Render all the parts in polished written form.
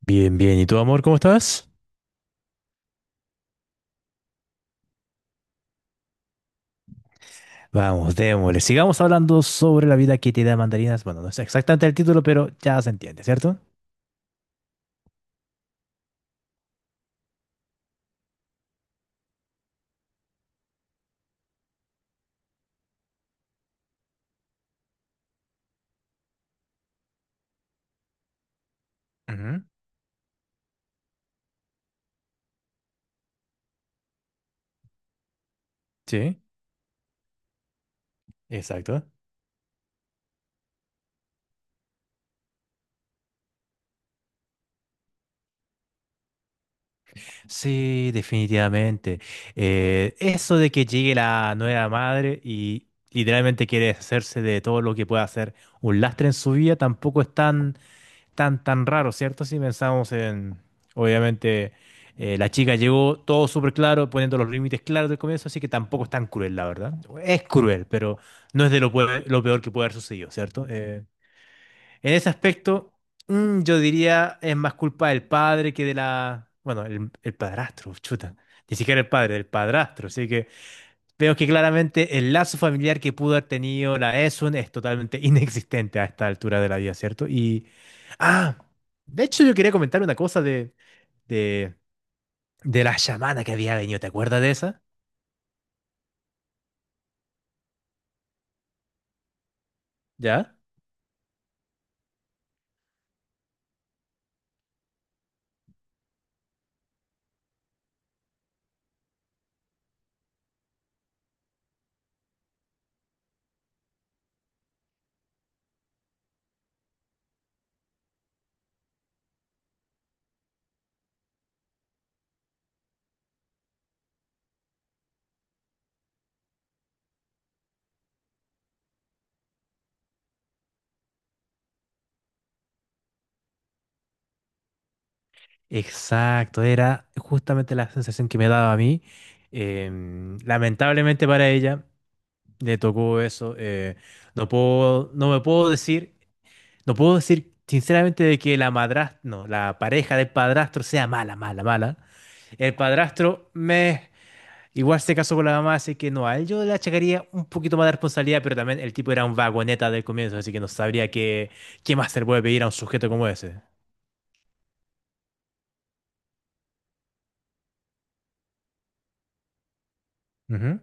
Bien, bien. ¿Y tú, amor, cómo estás? Vamos, démosle. Sigamos hablando sobre la vida que te da mandarinas. Bueno, no es exactamente el título, pero ya se entiende, ¿cierto? Ujú. Sí, exacto. Sí, definitivamente. Eso de que llegue la nueva madre y literalmente quiere deshacerse de todo lo que pueda hacer un lastre en su vida, tampoco es tan raro, ¿cierto? Si pensamos en, obviamente, la chica llegó todo súper claro, poniendo los límites claros del comienzo, así que tampoco es tan cruel, la verdad. Es cruel, pero no es de lo peor que puede haber sucedido, ¿cierto? En ese aspecto, yo diría es más culpa del padre que de la... Bueno, el padrastro, chuta. Ni siquiera el padre, del padrastro. Así que veo que claramente el lazo familiar que pudo haber tenido la Esun es totalmente inexistente a esta altura de la vida, ¿cierto? Y, ah, de hecho yo quería comentar una cosa de, de la chamana que había venido, ¿te acuerdas de esa? ¿Ya? Exacto, era justamente la sensación que me daba a mí. Lamentablemente para ella le tocó eso. Eh, no me puedo no puedo decir sinceramente de que la madrastra, no, la pareja del padrastro sea mala, mala, mala. El padrastro, me igual se casó con la mamá, así que no, a él yo le achacaría un poquito más de responsabilidad, pero también el tipo era un vagoneta del comienzo, así que no sabría qué más se le puede pedir a un sujeto como ese. Ujú.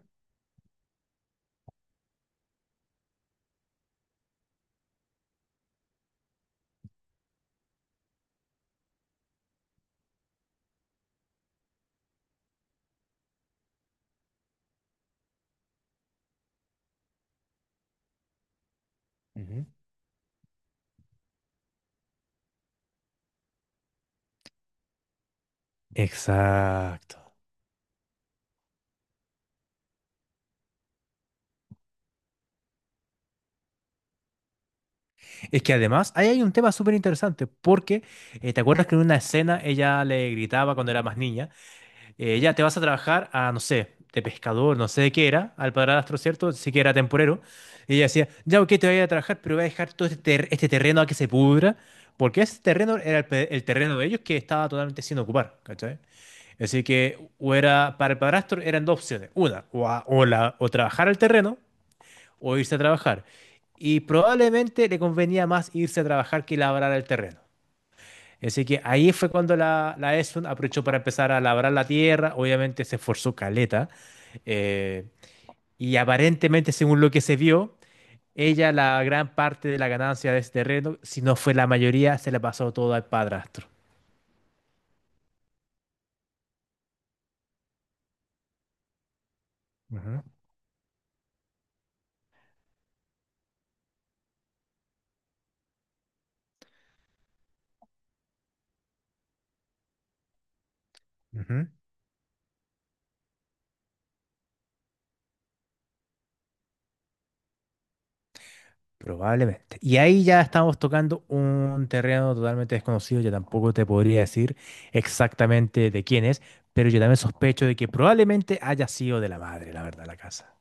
Ujú. Exacto. Es que además ahí hay un tema súper interesante, porque ¿te acuerdas que en una escena ella le gritaba cuando era más niña? Ya te vas a trabajar a, no sé, de pescador, no sé de qué era, al padrastro, ¿cierto? Sí que era temporero. Y ella decía, ya, ok, te voy a trabajar, pero voy a dejar todo este terreno a que se pudra, porque ese terreno era el terreno de ellos que estaba totalmente sin ocupar, ¿cachai? Así que o era, para el padrastro eran dos opciones. Una, o trabajar el terreno o irse a trabajar. Y probablemente le convenía más irse a trabajar que labrar el terreno. Así que ahí fue cuando la ESUN aprovechó para empezar a labrar la tierra, obviamente se esforzó caleta, eh, y aparentemente, según lo que se vio, ella la gran parte de la ganancia de ese terreno, si no fue la mayoría, se la pasó todo al padrastro. Ujú, ujú. Probablemente. Y ahí ya estamos tocando un terreno totalmente desconocido, yo tampoco te podría decir exactamente de quién es, pero yo también sospecho de que probablemente haya sido de la madre, la verdad, la casa.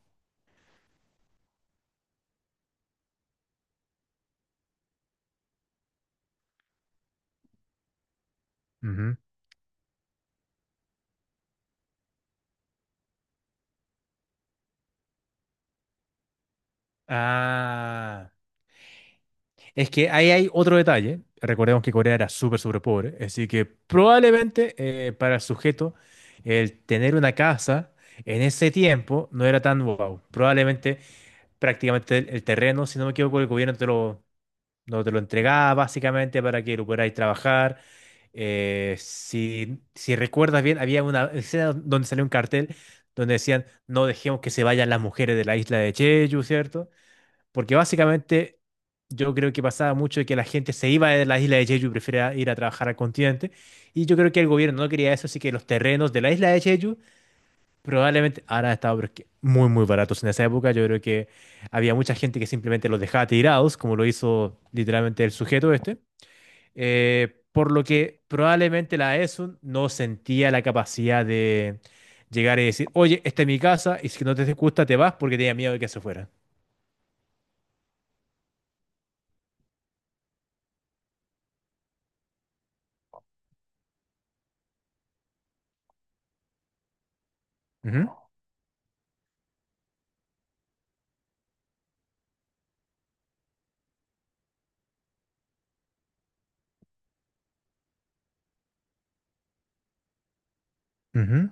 Ujú. Ah. Es que ahí hay otro detalle. Recordemos que Corea era súper, súper pobre, así que probablemente para el sujeto el tener una casa en ese tiempo no era tan wow. Probablemente prácticamente el terreno, si no me equivoco, el gobierno no te lo entregaba básicamente para que lo pudierais trabajar. Si recuerdas bien, había una escena donde salió un cartel donde decían no dejemos que se vayan las mujeres de la isla de Jeju, ¿cierto? Porque básicamente yo creo que pasaba mucho de que la gente se iba de la isla de Jeju y prefería ir a trabajar al continente. Y yo creo que el gobierno no quería eso, así que los terrenos de la isla de Jeju probablemente ahora han estado pero es que muy, muy baratos en esa época. Yo creo que había mucha gente que simplemente los dejaba tirados, como lo hizo literalmente el sujeto este. Por lo que probablemente la ESUN no sentía la capacidad de llegar y decir, oye, esta es mi casa y si no te gusta te vas porque tenía miedo de que se fuera. Ujú, ujú,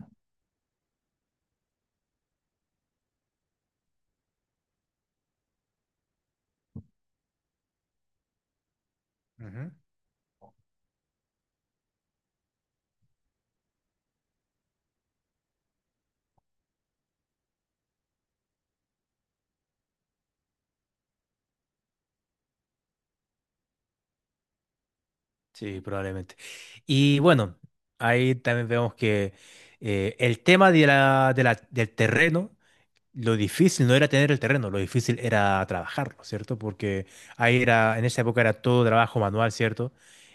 ujú. Sí, probablemente. Y bueno, ahí también vemos que el tema de del terreno lo difícil no era tener el terreno, lo difícil era trabajarlo, ¿cierto? Porque ahí era, en esa época era todo trabajo manual, ¿cierto?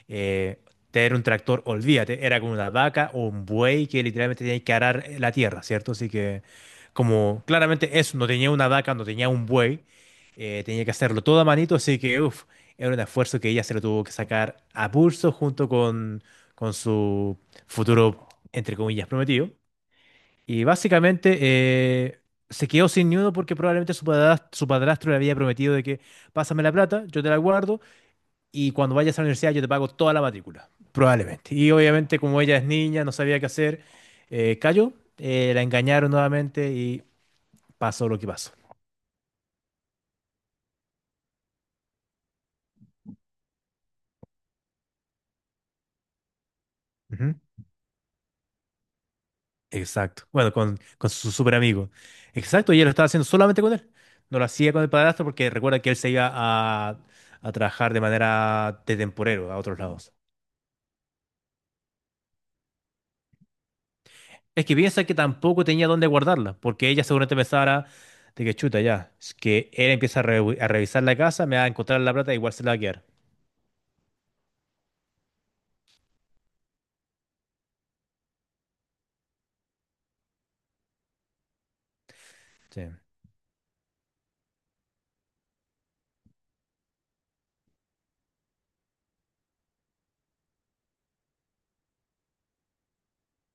Eh, Tener un tractor, olvídate, era como una vaca o un buey que literalmente tenía que arar la tierra, ¿cierto? Así que como claramente eso, no tenía una vaca, no tenía un buey, tenía que hacerlo todo a manito, así que uf, era un esfuerzo que ella se lo tuvo que sacar a pulso junto con su futuro, entre comillas, prometido. Y básicamente se quedó sin ni uno porque probablemente su padrastro le había prometido de que pásame la plata, yo te la guardo y cuando vayas a la universidad yo te pago toda la matrícula, probablemente. Y obviamente como ella es niña, no sabía qué hacer, eh, cayó, la engañaron nuevamente y pasó lo que pasó. Ujú. Exacto. Bueno, con su super amigo. Exacto, y ella lo estaba haciendo solamente con él. No lo hacía con el padrastro porque recuerda que él se iba a trabajar de manera de temporero a otros lados. Es que piensa que tampoco tenía dónde guardarla, porque ella seguramente pensara de que chuta ya, es que él empieza a revisar la casa, me va a encontrar la plata, igual se la va a quedar. Sí.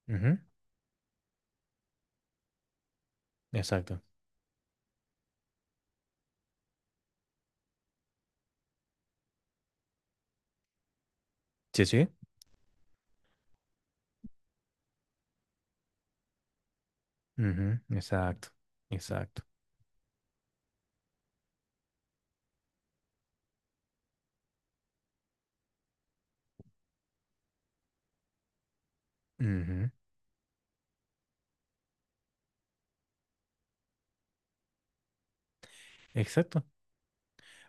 Ujú, exacto. Sí, sí. Ujú, exacto. Exacto. Ujú, exacto.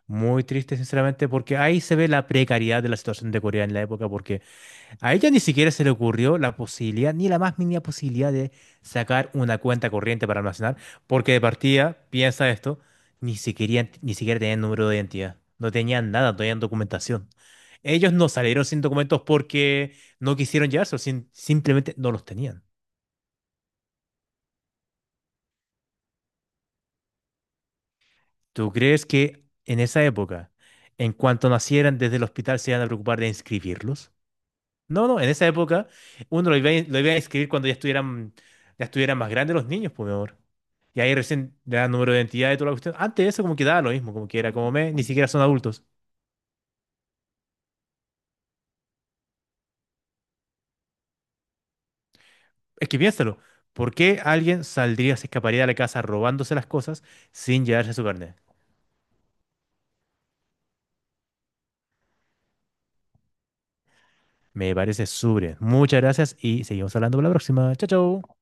Muy triste, sinceramente, porque ahí se ve la precariedad de la situación de Corea en la época. A ella ni siquiera se le ocurrió la posibilidad, ni la más mínima posibilidad de sacar una cuenta corriente para almacenar, porque de partida, piensa esto, ni siquiera tenían número de identidad, no tenían nada, no tenían documentación. Ellos no salieron sin documentos porque no quisieron llevarse, simplemente no los tenían. ¿Tú crees que en esa época, en cuanto nacieran desde el hospital, se iban a preocupar de inscribirlos? No, no, en esa época uno lo iba a inscribir cuando ya estuvieran más grandes los niños, por mi. Y ahí recién le dan número de identidad y toda la cuestión. Antes de eso como que daba lo mismo, como que era como me, ni siquiera son adultos. Es que piénsalo, ¿por qué alguien saldría, se escaparía de la casa robándose las cosas sin llevarse su carnet? Me parece súper bien. Muchas gracias y seguimos hablando para la próxima. Chao, chao.